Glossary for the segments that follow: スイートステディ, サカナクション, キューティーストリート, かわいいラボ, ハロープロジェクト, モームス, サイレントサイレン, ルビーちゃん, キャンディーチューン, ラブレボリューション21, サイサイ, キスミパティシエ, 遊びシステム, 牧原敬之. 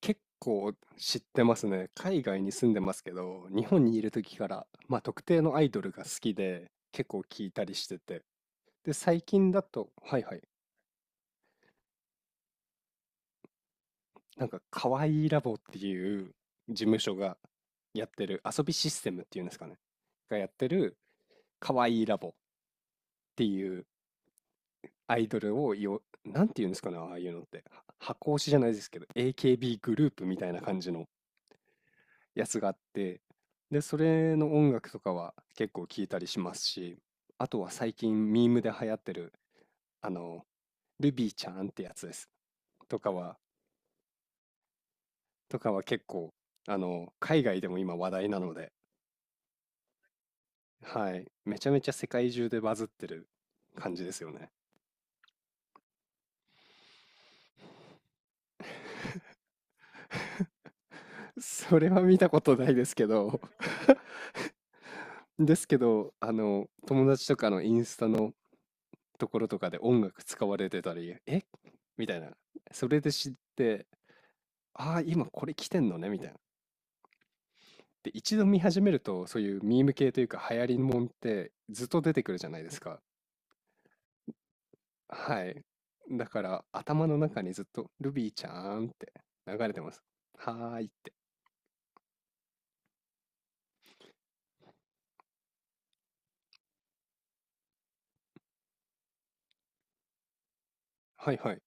結構知ってますね。海外に住んでますけど、日本にいる時から、まあ、特定のアイドルが好きで、結構聞いたりしてて。で、最近だと、はいはい、なんか、かわいいラボっていう事務所がやってる、遊びシステムっていうんですかね、がやってる、かわいいラボっていうアイドルをよ、なんていうんですかね、ああいうのって。は箱推しじゃないですけど、AKB グループみたいな感じのやつがあって、で、それの音楽とかは結構聞いたりしますし、あとは最近ミームで流行ってる、あの、ルビーちゃんってやつです。とかは、とかは結構、海外でも今話題なので、はい、めちゃめちゃ世界中でバズってる感じですよね。それは見たことないですけど ですけど、友達とかのインスタのところとかで音楽使われてたり、えみたいな。それで知って、ああ、今これ来てんのね、みたいな。で、一度見始めると、そういうミーム系というか、流行りもんってずっと出てくるじゃないですか。はい。だから、頭の中にずっと、ルビーちゃーんって流れてます。はーいって。はいはい。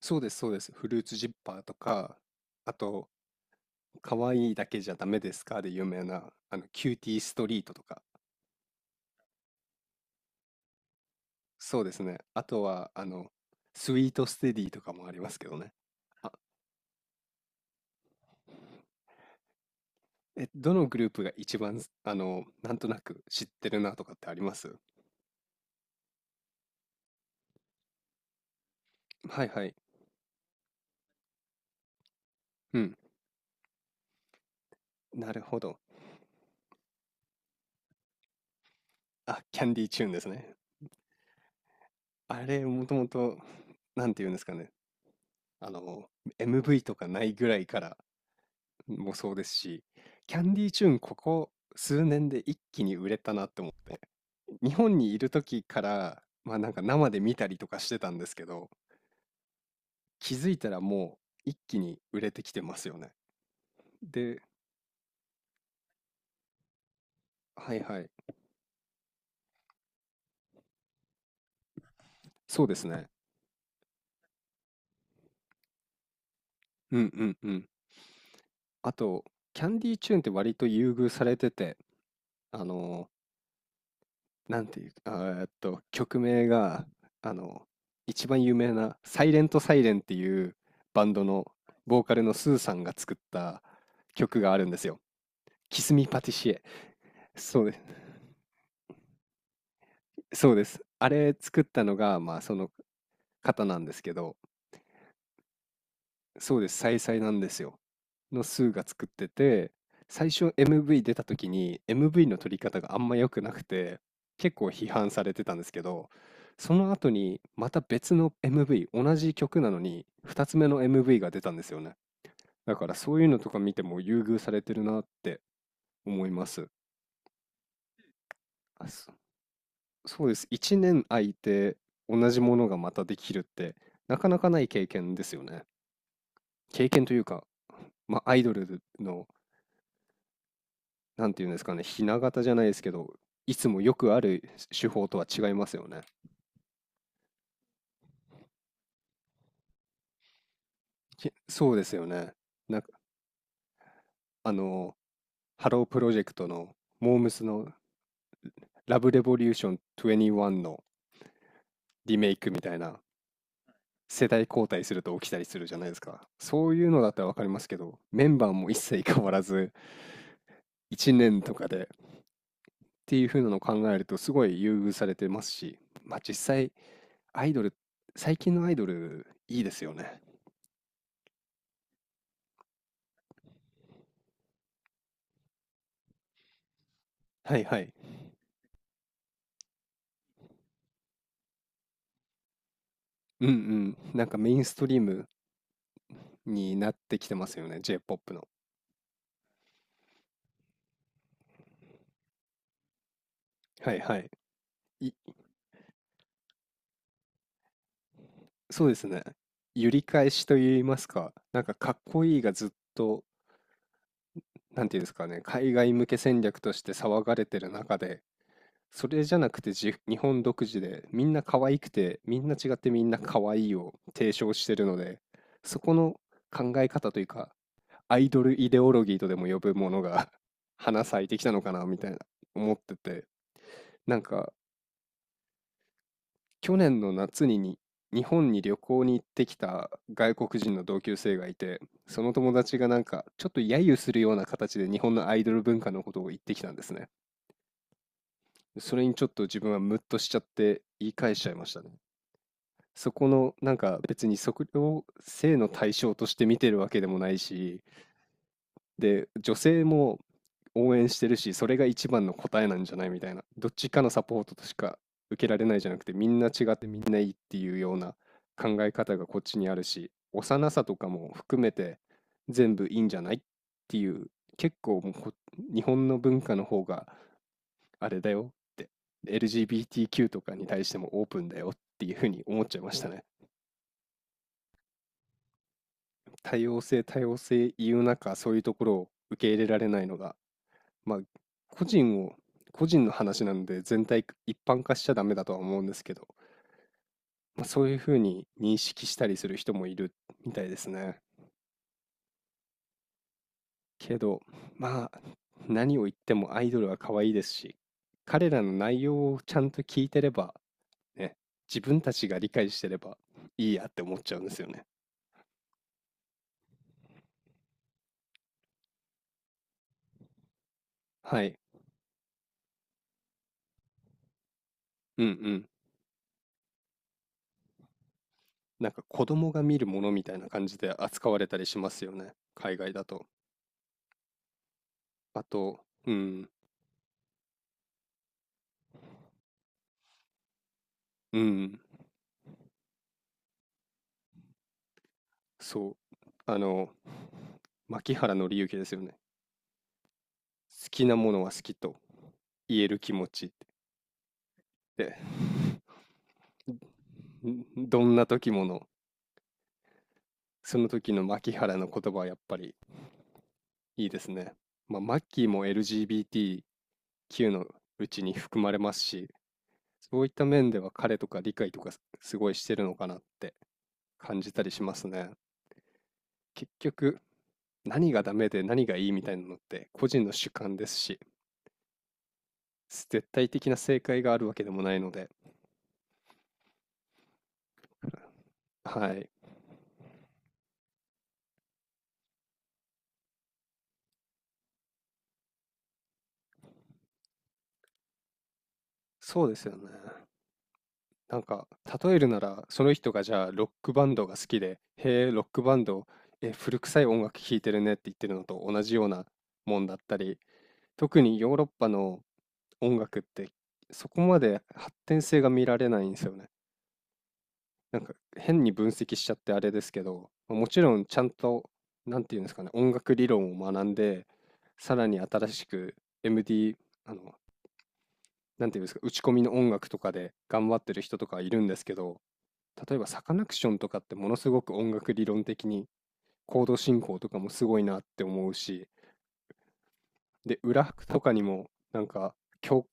そうです、そうです。フルーツジッパーとか、あと、可愛いだけじゃダメですかで有名な、キューティーストリートとか。そうですね。あとは、スイートステディとかもありますけどね。え、どのグループが一番、なんとなく知ってるなとかってあります。はいはい。うん。なるほど。あ、キャンディーチューンですね。あれ、もともと、なんていうんですかね。あの、MV とかないぐらいからもそうですし、キャンディーチューン、ここ数年で一気に売れたなって思って、日本にいる時から、まあなんか生で見たりとかしてたんですけど、気づいたらもう一気に売れてきてますよね。で、はいはい。そうですね。うんうんうん。あと、キャンディーチューンって割と優遇されてて、あの、なんていう、曲名が、あの、一番有名な、サイレントサイレンっていうバンドのボーカルのスーさんが作った曲があるんですよ。キスミパティシエ。そうです。そうです。あれ作ったのが、まあ、その方なんですけど、そうです、サイサイなんですよ。のスーが作ってて、最初 MV 出た時に MV の撮り方があんま良くなくて、結構批判されてたんですけど、その後にまた別の MV、同じ曲なのに2つ目の MV が出たんですよね。だからそういうのとか見ても優遇されてるなって思います。あ、そそうです。1年空いて同じものがまたできるってなかなかない経験ですよね。経験というか、まあ、アイドルのなんていうんですかね、ひな形じゃないですけど、いつもよくある手法とは違いますよね。きそうですよね。なんか、あの、ハロープロジェクトの、モームスのラブレボリューション21のリメイクみたいな、世代交代すると起きたりするじゃないですか。そういうのだったらわかりますけど、メンバーも一切変わらず、1年とかでっていう風なのを考えると、すごい優遇されてますし、まあ実際、アイドル、最近のアイドル、いいですよね。はいはい。うんうん。なんかメインストリームになってきてますよね、J-POP の。はいはい。い、そうですね。揺り返しと言いますか、なんかかっこいいがずっと、なんていうんですかね、海外向け戦略として騒がれてる中で、それじゃなくてじ日本独自で、みんな可愛くて、みんな違ってみんな可愛いを提唱してるので、そこの考え方というか、アイドルイデオロギーとでも呼ぶものが 花咲いてきたのかなみたいな思ってて、なんか去年の夏にに日本に旅行に行ってきた外国人の同級生がいて、その友達がなんかちょっと揶揄するような形で日本のアイドル文化のことを言ってきたんですね。それにちょっと自分はムッとしちゃって言い返しちゃいましたね。そこのなんか別に測量性の対象として見てるわけでもないし、で、女性も応援してるし、それが一番の答えなんじゃないみたいな。どっちかのサポートとしか受けられないじゃなくて、みんな違ってみんないいっていうような考え方がこっちにあるし、幼さとかも含めて全部いいんじゃないっていう、結構もうこ日本の文化の方があれだよって、LGBTQ とかに対してもオープンだよっていうふうに思っちゃいましたね。多様性、多様性言う中、そういうところを受け入れられないのがまあ、個人を、個人の話なので全体一般化しちゃダメだとは思うんですけど、まあ、そういうふうに認識したりする人もいるみたいですね。けど、まあ、何を言ってもアイドルは可愛いですし、彼らの内容をちゃんと聞いてれば、ね、自分たちが理解してればいいやって思っちゃうんですよね。はい。うんうん。なんか子供が見るものみたいな感じで扱われたりしますよね。海外だと。あと、うん、うん。そう、あの、牧原敬之ですよね。好きなものは好きと言える気持ちって。で、んどんな時もの、その時の牧原の言葉はやっぱりいいですね。まあ、マッキーも LGBTQ のうちに含まれますし、そういった面では彼とか理解とかすすごいしてるのかなって感じたりしますね。結局、何がダメで何がいいみたいなのって個人の主観ですし、絶対的な正解があるわけでもないので、はい。そうですよね。なんか、例えるなら、その人がじゃあ、ロックバンドが好きで、へえ、ロックバンド、え、古臭い音楽聴いてるねって言ってるのと同じようなもんだったり、特にヨーロッパの音楽って、そこまで発展性が見られないんですよね。なんか、変に分析しちゃってあれですけど、まあもちろんちゃんと、なんていうんですかね、音楽理論を学んで、さらに新しく MD、あの、なんていうんですか、打ち込みの音楽とかで頑張ってる人とかいるんですけど、例えばサカナクションとかってものすごく音楽理論的にコード進行とかもすごいなって思うし、で、裏拍とかにもなんか、教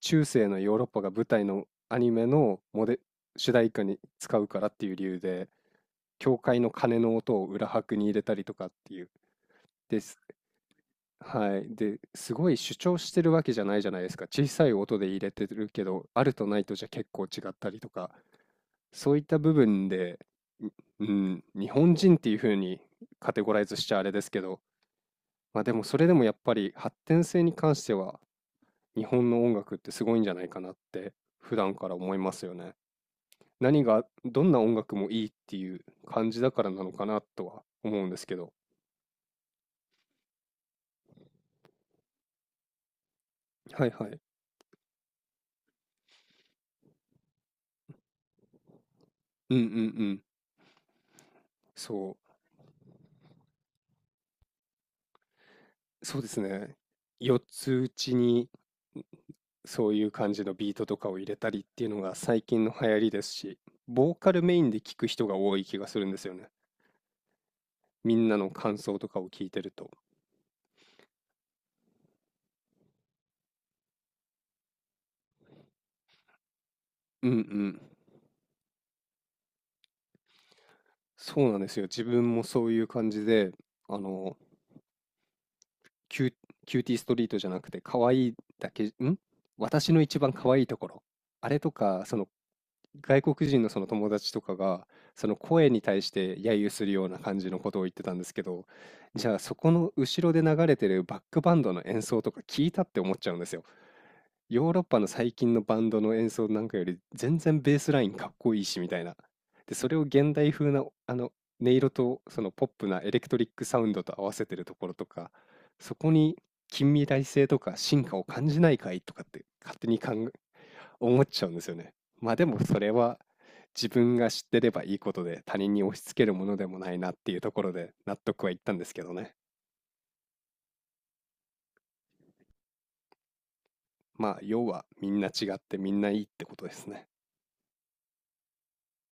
中世のヨーロッパが舞台のアニメのモデ、主題歌に使うからっていう理由で、教会の鐘の音を裏拍に入れたりとかっていう。です。はい。で、すごい主張してるわけじゃないじゃないですか。小さい音で入れてるけど、あるとないとじゃ結構違ったりとかそういった部分で、ううん、日本人っていう風にカテゴライズしちゃあれですけど、まあでもそれでもやっぱり発展性に関しては日本の音楽ってすごいんじゃないかなって普段から思いますよね。何が、どんな音楽もいいっていう感じだからなのかなとは思うんですけど。はいはい。うんうんうん。そう。そうですね。4つうちにそういう感じのビートとかを入れたりっていうのが最近の流行りですし、ボーカルメインで聞く人が多い気がするんですよね。みんなの感想とかを聞いてると。うんうん。そうなんですよ。自分もそういう感じで、あの、キュ、キューティーストリートじゃなくて、可愛いだけ、ん私の一番可愛いところ。あれとか、その外国人のその友達とかがその声に対して揶揄するような感じのことを言ってたんですけどじゃあそこの後ろで流れてるバックバンドの演奏とか聞いたって思っちゃうんですよ。ヨーロッパの最近のバンドの演奏なんかより全然ベースラインかっこいいしみたいな。で、それを現代風な音色とそのポップなエレクトリックサウンドと合わせてるところとかそこに近未来性とか進化を感じないかいとかって勝手に思っちゃうんですよね。まあでもそれは自分が知ってればいいことで他人に押し付けるものでもないなっていうところで納得はいったんですけどね。まあ要はみんな違ってみんないいってことですね。